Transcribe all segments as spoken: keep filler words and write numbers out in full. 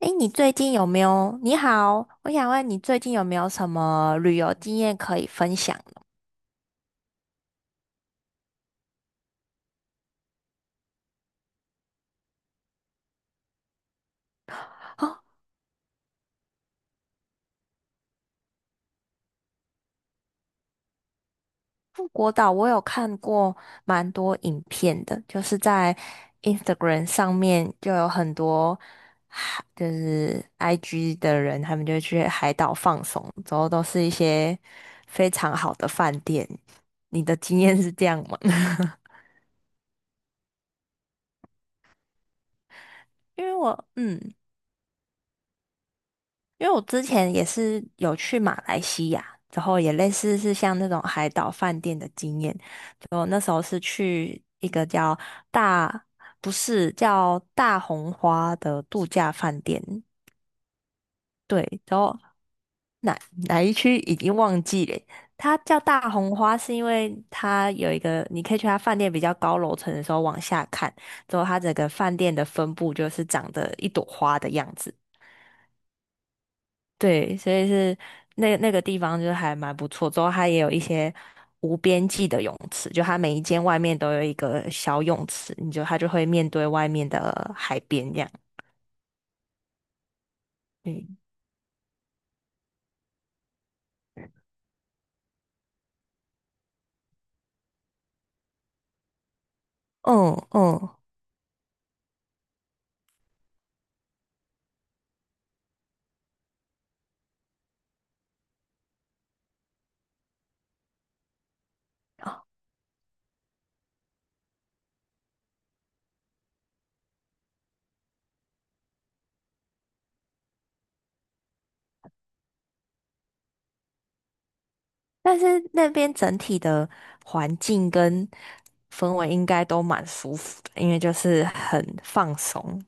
诶，你最近有没有？你好，我想问你最近有没有什么旅游经验可以分享的？哦，富国岛我有看过蛮多影片的，就是在 Instagram 上面就有很多海就是 I G 的人，他们就去海岛放松，之后都是一些非常好的饭店。你的经验是这样吗？因为我嗯。因为我之前也是有去马来西亚，然后也类似是像那种海岛饭店的经验。就那时候是去一个叫大，不是叫大红花的度假饭店，对，然后哪一区已经忘记了。它叫大红花，是因为它有一个，你可以去它饭店比较高楼层的时候往下看，之后它整个饭店的分布就是长得一朵花的样子。对，所以是那那个地方就是还蛮不错。之后它也有一些无边际的泳池，就它每一间外面都有一个小泳池，你就它就会面对外面的海边这样。嗯嗯嗯，但是那边整体的环境跟氛围应该都蛮舒服的，因为就是很放松。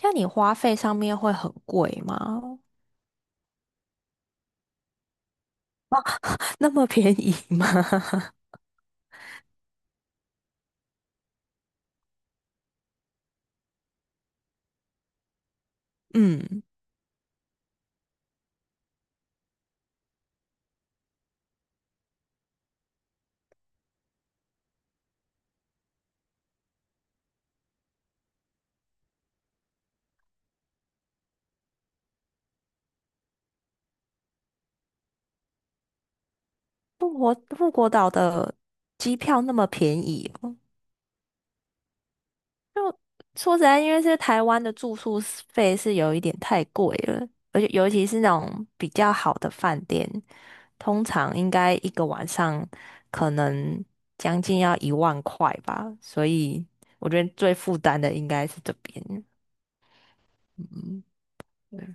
像你花费上面会很贵吗？那么便宜吗？嗯富国富国岛的机票那么便宜哦，就说实在，因为是台湾的住宿是费是有一点太贵了，而且尤其是那种比较好的饭店，通常应该一个晚上可能将近要一万块吧，所以我觉得最负担的应该是这边。嗯，对，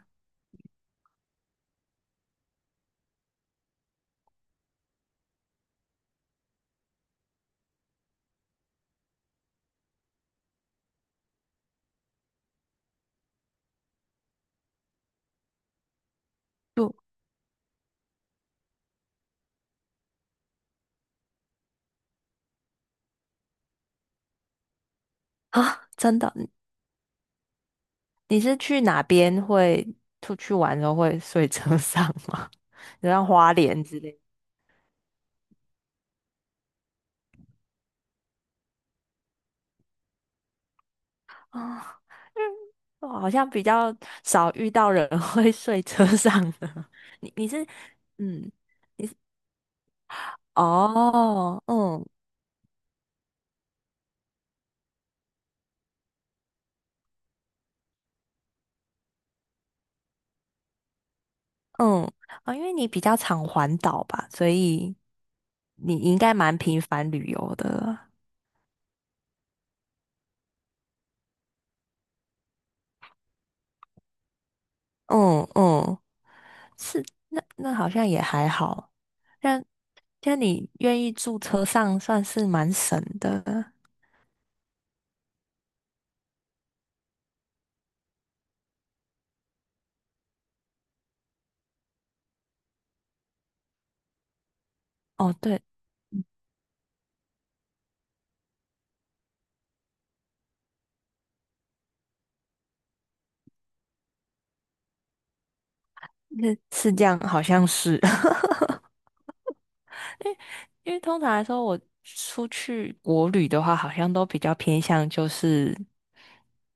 就啊，真的，你是去哪边会出去玩的时候会睡车上吗？你像花莲之类啊，嗯，我好像比较少遇到人 会睡车上的。你你是，嗯，你是哦，嗯嗯，啊，因为你比较常环岛吧，所以你你应该蛮频繁旅游的。嗯嗯，是，那那好像也还好。那那你愿意住车上，算是蛮省的。哦，对，那是这样，好像是。因为通常来说，我出去国旅的话，好像都比较偏向就是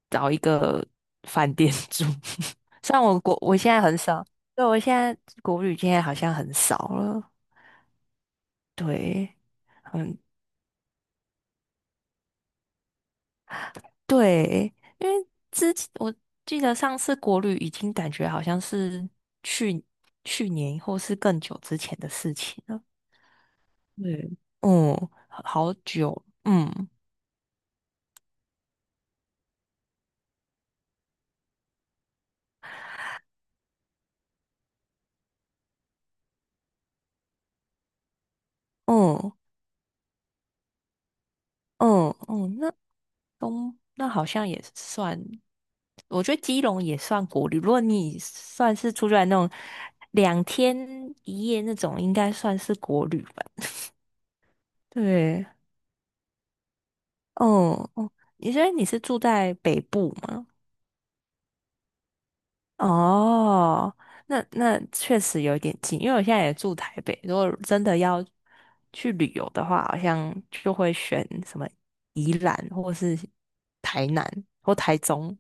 找一个饭店 住。虽然我国我现在很少，对，我现在国旅现在好像很少了。对对，因为之前我记得上次国旅已经感觉好像是去去年或是更久之前的事情了。对，嗯，好好久，嗯嗯嗯嗯，那。东，那好像也算，我觉得基隆也算国旅。如果你算是出去玩那种两天一夜那种，应该算是国旅吧？对，哦哦，你觉得你是住在北部吗？哦，那那确实有点近，因为我现在也住台北。如果真的要去旅游的话，好像就会选什么宜兰或是台南或台中。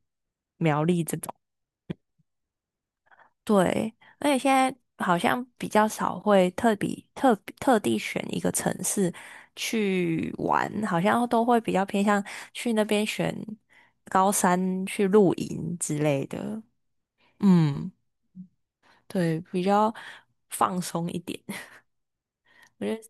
对，而且现在好像比较少会特比特特地选一个城市去玩，好像都会比较偏向去那边选高山去露营之类的。嗯，对，比较放松一点。我觉得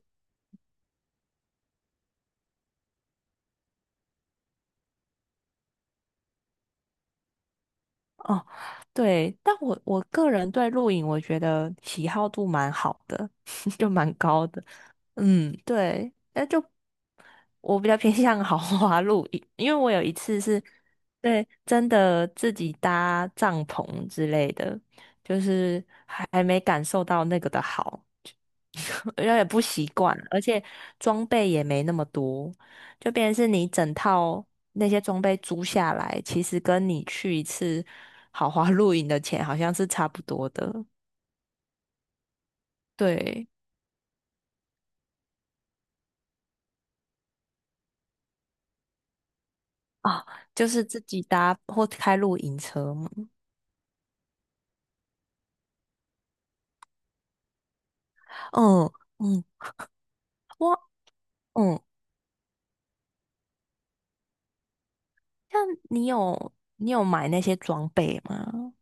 哦，对，但我我个人对露营，我觉得喜好度蛮好的，就蛮高的。嗯，对，那就我比较偏向豪华露营，因为我有一次是，对，真的自己搭帐篷之类的，就是还还没感受到那个的好，有点不习惯，而且装备也没那么多，就变成是你整套那些装备租下来，其实跟你去一次豪华露营的钱好像是差不多的，对。啊，就是自己搭或开露营车嘛。嗯嗯，我嗯，像你有你有买那些装备吗？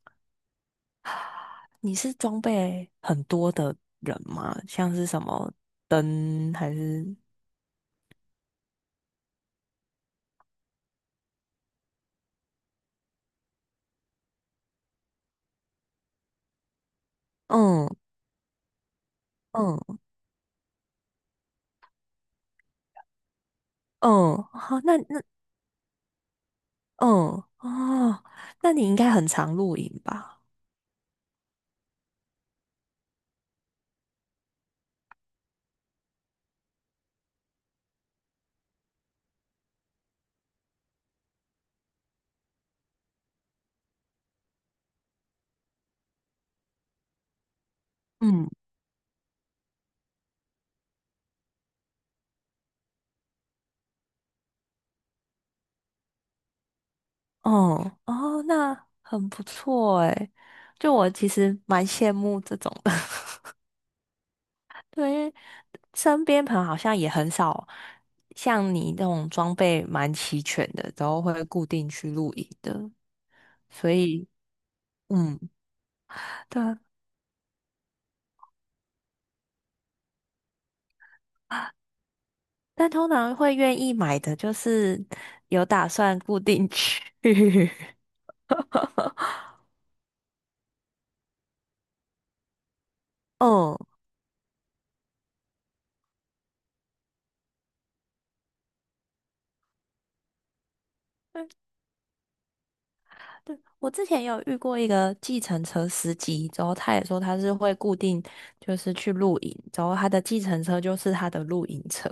你是装备很多的人吗？像是什么灯还是嗯嗯嗯，好，那那嗯哦，那你应该很常露营吧？嗯哦哦，那很不错诶，就我其实蛮羡慕这种的。对，因为身边朋友好像也很少像你那种装备蛮齐全的，然后会固定去露营的，所以嗯，对啊，但通常会愿意买的就是有打算固定去。嗯，对，我之前有遇过一个计程车司机，之后他也说他是会固定就是去露营，之后他的计程车就是他的露营车，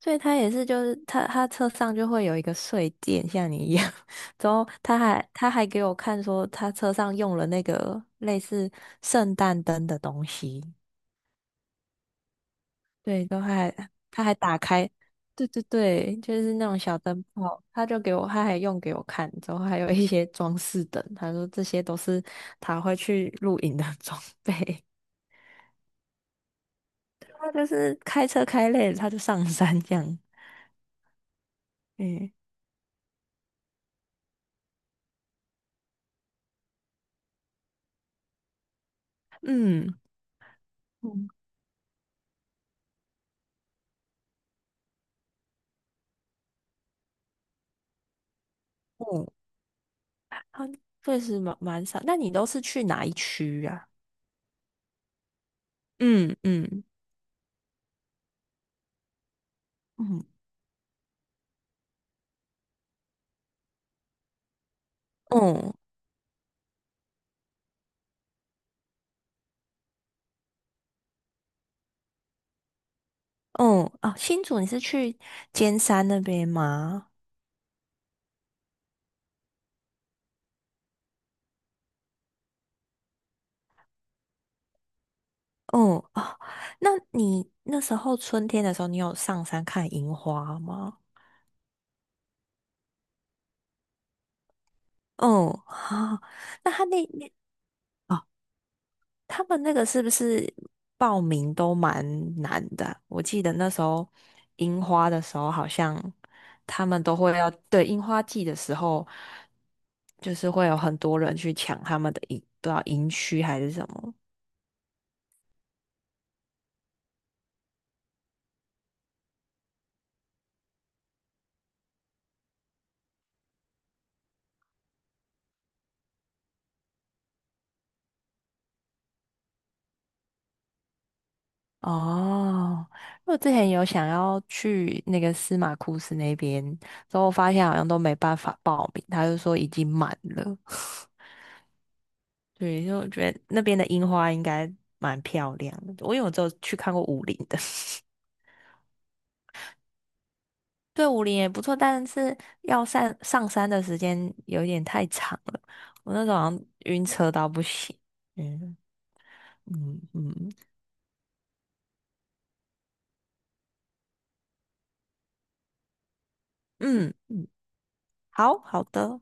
所以他也是，就是他他车上就会有一个睡垫，像你一样。之后他还他还给我看说，他车上用了那个类似圣诞灯的东西。对，都还他还打开，对对对，就是那种小灯泡，他就给我，他还用给我看。之后还有一些装饰灯，他说这些都是他会去露营的 装备。他就是开车开累了，他就上山这样。嗯嗯嗯嗯。他确实蛮蛮少。那你都是去哪一区啊？嗯嗯嗯嗯嗯啊，新竹你是去尖山那边吗？嗯哦啊，那你那时候春天的时候，你有上山看樱花吗？嗯哦啊，那他那那哦他们那个是不是报名都蛮难的啊我记得那时候樱花的时候，好像他们都会要，对，樱花季的时候，就是会有很多人去抢他们的营，不知道营区还是什么。哦，我之前有想要去那个司马库斯那边，之后发现好像都没办法报名，他就说已经满了。对，因为我觉得那边的樱花应该蛮漂亮的，我因为我只有去看过武陵的。对，武陵也不错，但是要上上山的时间有点太长了，我那时候好像晕车到不行。嗯嗯嗯嗯，好好的。